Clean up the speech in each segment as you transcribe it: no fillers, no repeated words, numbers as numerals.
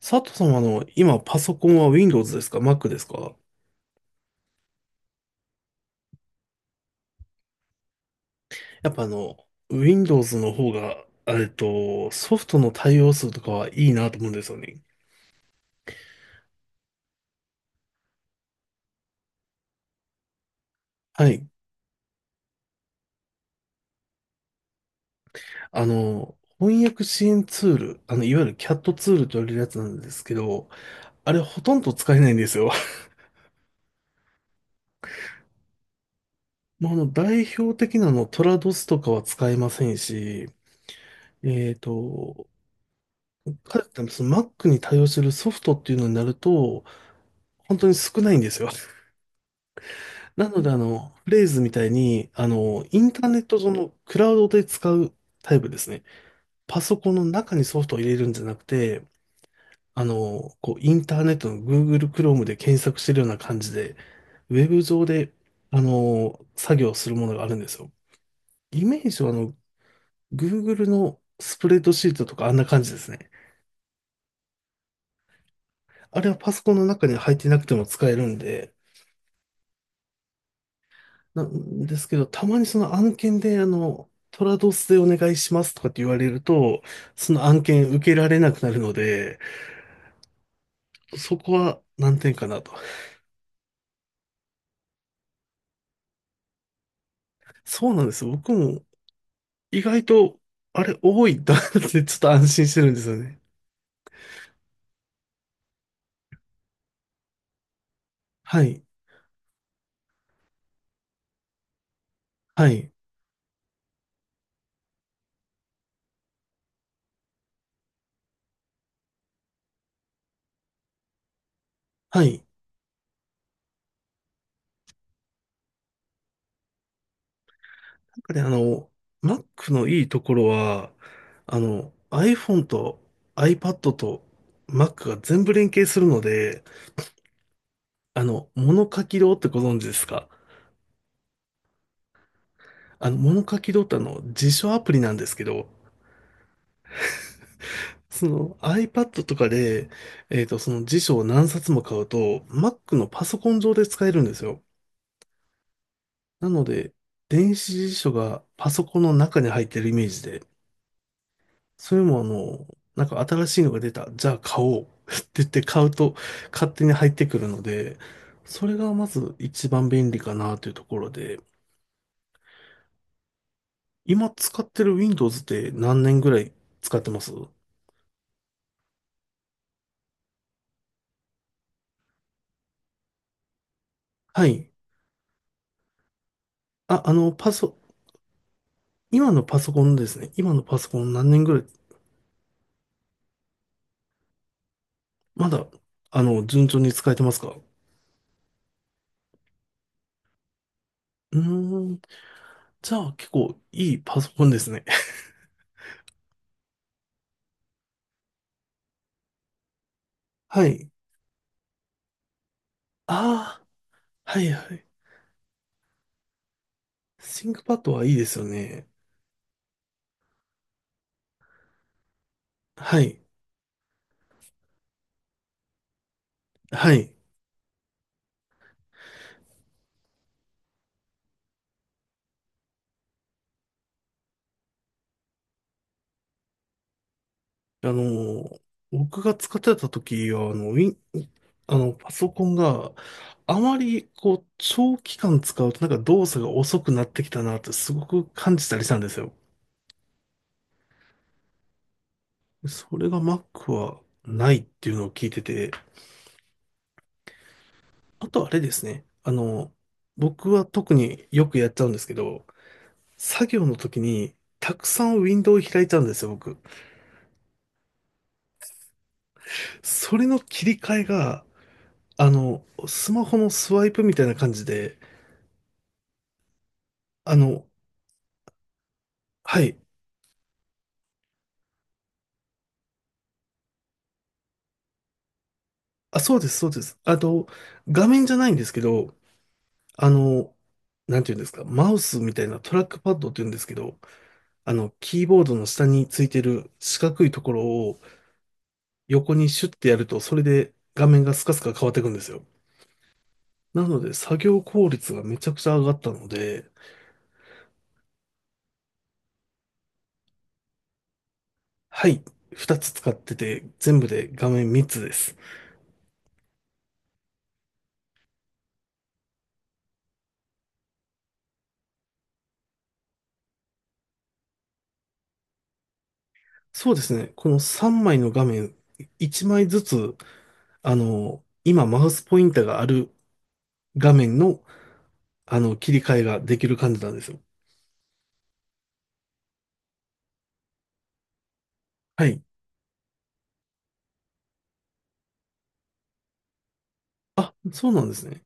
佐藤さんは今パソコンは Windows ですか Mac ですか？やっぱWindows の方が、ソフトの対応数とかはいいなと思うんですよね。はい。翻訳支援ツール、いわゆる CAT ツールと言われるやつなんですけど、あれほとんど使えないんですよ。もう代表的なトラドスとかは使えませんし、えっと、かその Mac に対応してるソフトっていうのになると、本当に少ないんですよ。なので、フレーズみたいに、インターネット上のクラウドで使うタイプですね。パソコンの中にソフトを入れるんじゃなくて、こう、インターネットの Google Chrome で検索してるような感じで、ウェブ上で、作業するものがあるんですよ。イメージは、Google のスプレッドシートとかあんな感じですね。あれはパソコンの中に入ってなくても使えるんで、なんですけど、たまにその案件で、トラドスでお願いしますとかって言われると、その案件受けられなくなるので、そこは難点かなと。そうなんです。僕も意外と、あれ多いんだってちょっと安心してるんですよね。はい。はい。はい。なんかね、Mac のいいところは、iPhone と iPad と Mac が全部連携するので、物書き堂ってご存知ですか？物書きドタの辞書アプリなんですけど、その iPad とかで、その辞書を何冊も買うと、Mac のパソコン上で使えるんですよ。なので、電子辞書がパソコンの中に入ってるイメージで、それもなんか新しいのが出た、じゃあ買おう って言って買うと勝手に入ってくるので、それがまず一番便利かなというところで、今使ってる Windows って何年ぐらい使ってます？はい。あ、今のパソコンですね。今のパソコン何年ぐらい、まだ、順調に使えてますか？うーん。じゃあ結構いいパソコンですね。はい。ああ、はいはい。ThinkPad はいいですよね。はい。はい。あのー、僕が使ってた時は、あの、ウィン、あの、パソコンがあまり、こう、長期間使うとなんか動作が遅くなってきたなってすごく感じたりしたんですよ。それが Mac はないっていうのを聞いてて、あとあれですね。僕は特によくやっちゃうんですけど、作業の時にたくさんウィンドウを開いちゃうんですよ、僕。それの切り替えが、スマホのスワイプみたいな感じで、あの、はい。あ、そうです、そうです。あと、画面じゃないんですけど、あの、なんていうんですか、マウスみたいなトラックパッドって言うんですけど、キーボードの下についてる四角いところを横にシュッてやると、それで画面がスカスカ変わっていくんですよ。なので、作業効率がめちゃくちゃ上がったので、はい、2つ使ってて、全部で画面3つです。そうですね、この3枚の画面、1枚ずつ、今マウスポインターがある画面の、切り替えができる感じなんですよ。はい。あ、そうなんですね。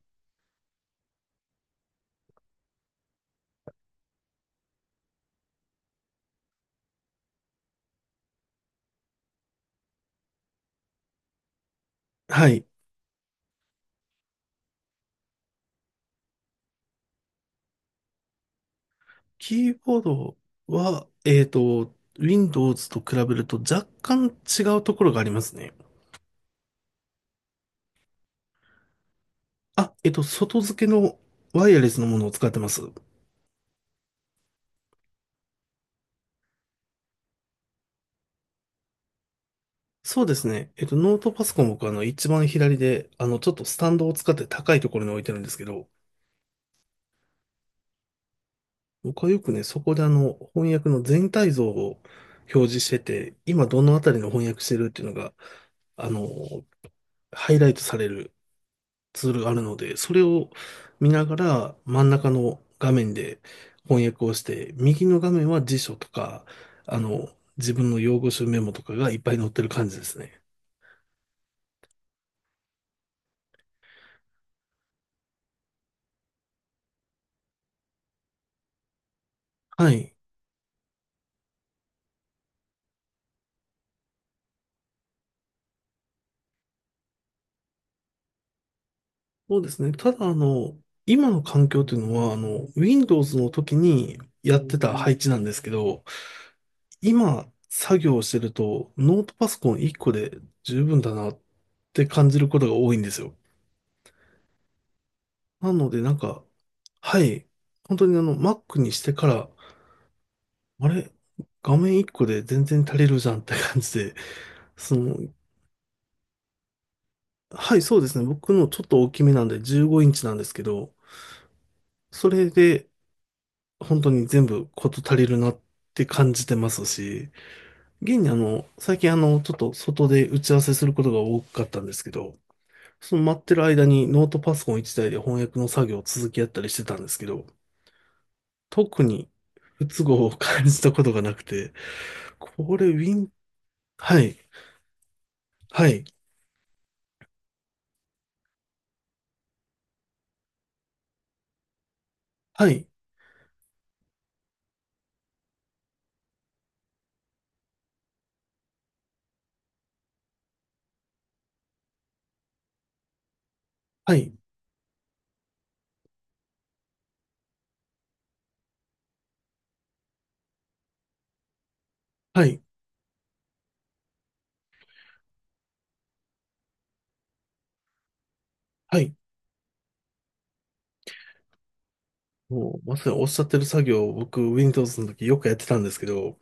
はい。キーボードは、Windows と比べると若干違うところがありますね。あ、外付けのワイヤレスのものを使ってます。そうですね。ノートパソコン僕一番左で、ちょっとスタンドを使って高いところに置いてるんですけど、僕はよくね、そこで翻訳の全体像を表示してて、今どのあたりの翻訳してるっていうのが、あの、ハイライトされるツールがあるので、それを見ながら真ん中の画面で翻訳をして、右の画面は辞書とか、自分の用語集メモとかがいっぱい載ってる感じですね。はい。そうですね。ただ、今の環境というのは、Windows の時にやってた配置なんですけど、今、作業をしてると、ノートパソコン1個で十分だなって感じることが多いんですよ。なので、なんか、はい、本当にMac にしてから、あれ、画面1個で全然足りるじゃんって感じで、その、はい、そうですね。僕のちょっと大きめなんで15インチなんですけど、それで、本当に全部事足りるなって感じてますし、現に最近ちょっと外で打ち合わせすることが多かったんですけど、その待ってる間にノートパソコン一台で翻訳の作業を続けやったりしてたんですけど、特に不都合を感じたことがなくて、これウィン、はい、はい、はい、はい、はい、はい。もうまさにおっしゃってる作業を僕 Windows の時よくやってたんですけど、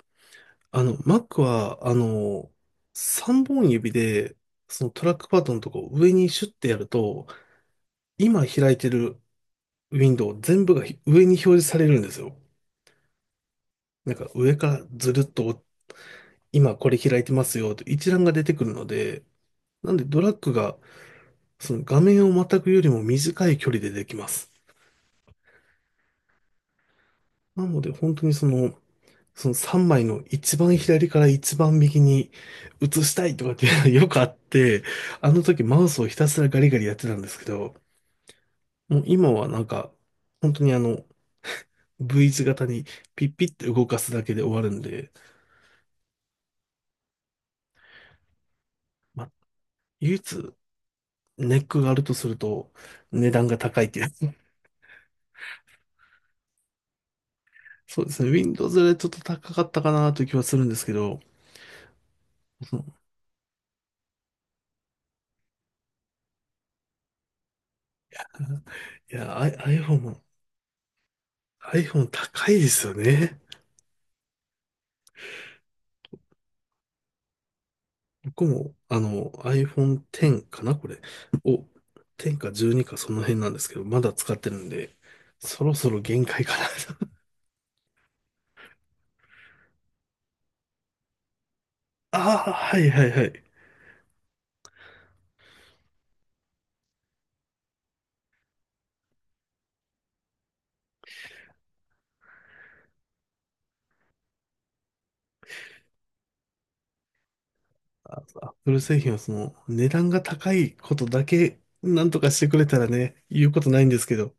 Mac は、3本指で、そのトラックパッドのとこを上にシュッてやると、今開いてるウィンドウ全部が上に表示されるんですよ。なんか上からずるっと、今これ開いてますよと一覧が出てくるので、なんでドラッグが、その画面をまたぐよりも短い距離でできます。なので本当にその3枚の一番左から一番右に移したいとかっていうのが よくあって、あの時マウスをひたすらガリガリやってたんですけど、もう今はなんか、本当にV 字型にピッピッて動かすだけで終わるんで、まあ、唯一ネックがあるとすると値段が高いっていう。そうですね。Windows よりちょっと高かったかなという気はするんですけど、そのいや、iPhone も、iPhone 高いですよね。僕も、iPhone X かな、これ、を、10か12かその辺なんですけど、まだ使ってるんで、そろそろ限界かな。 ああ、はいはいはい。アップル製品は値段が高いことだけ、なんとかしてくれたらね、言うことないんですけど。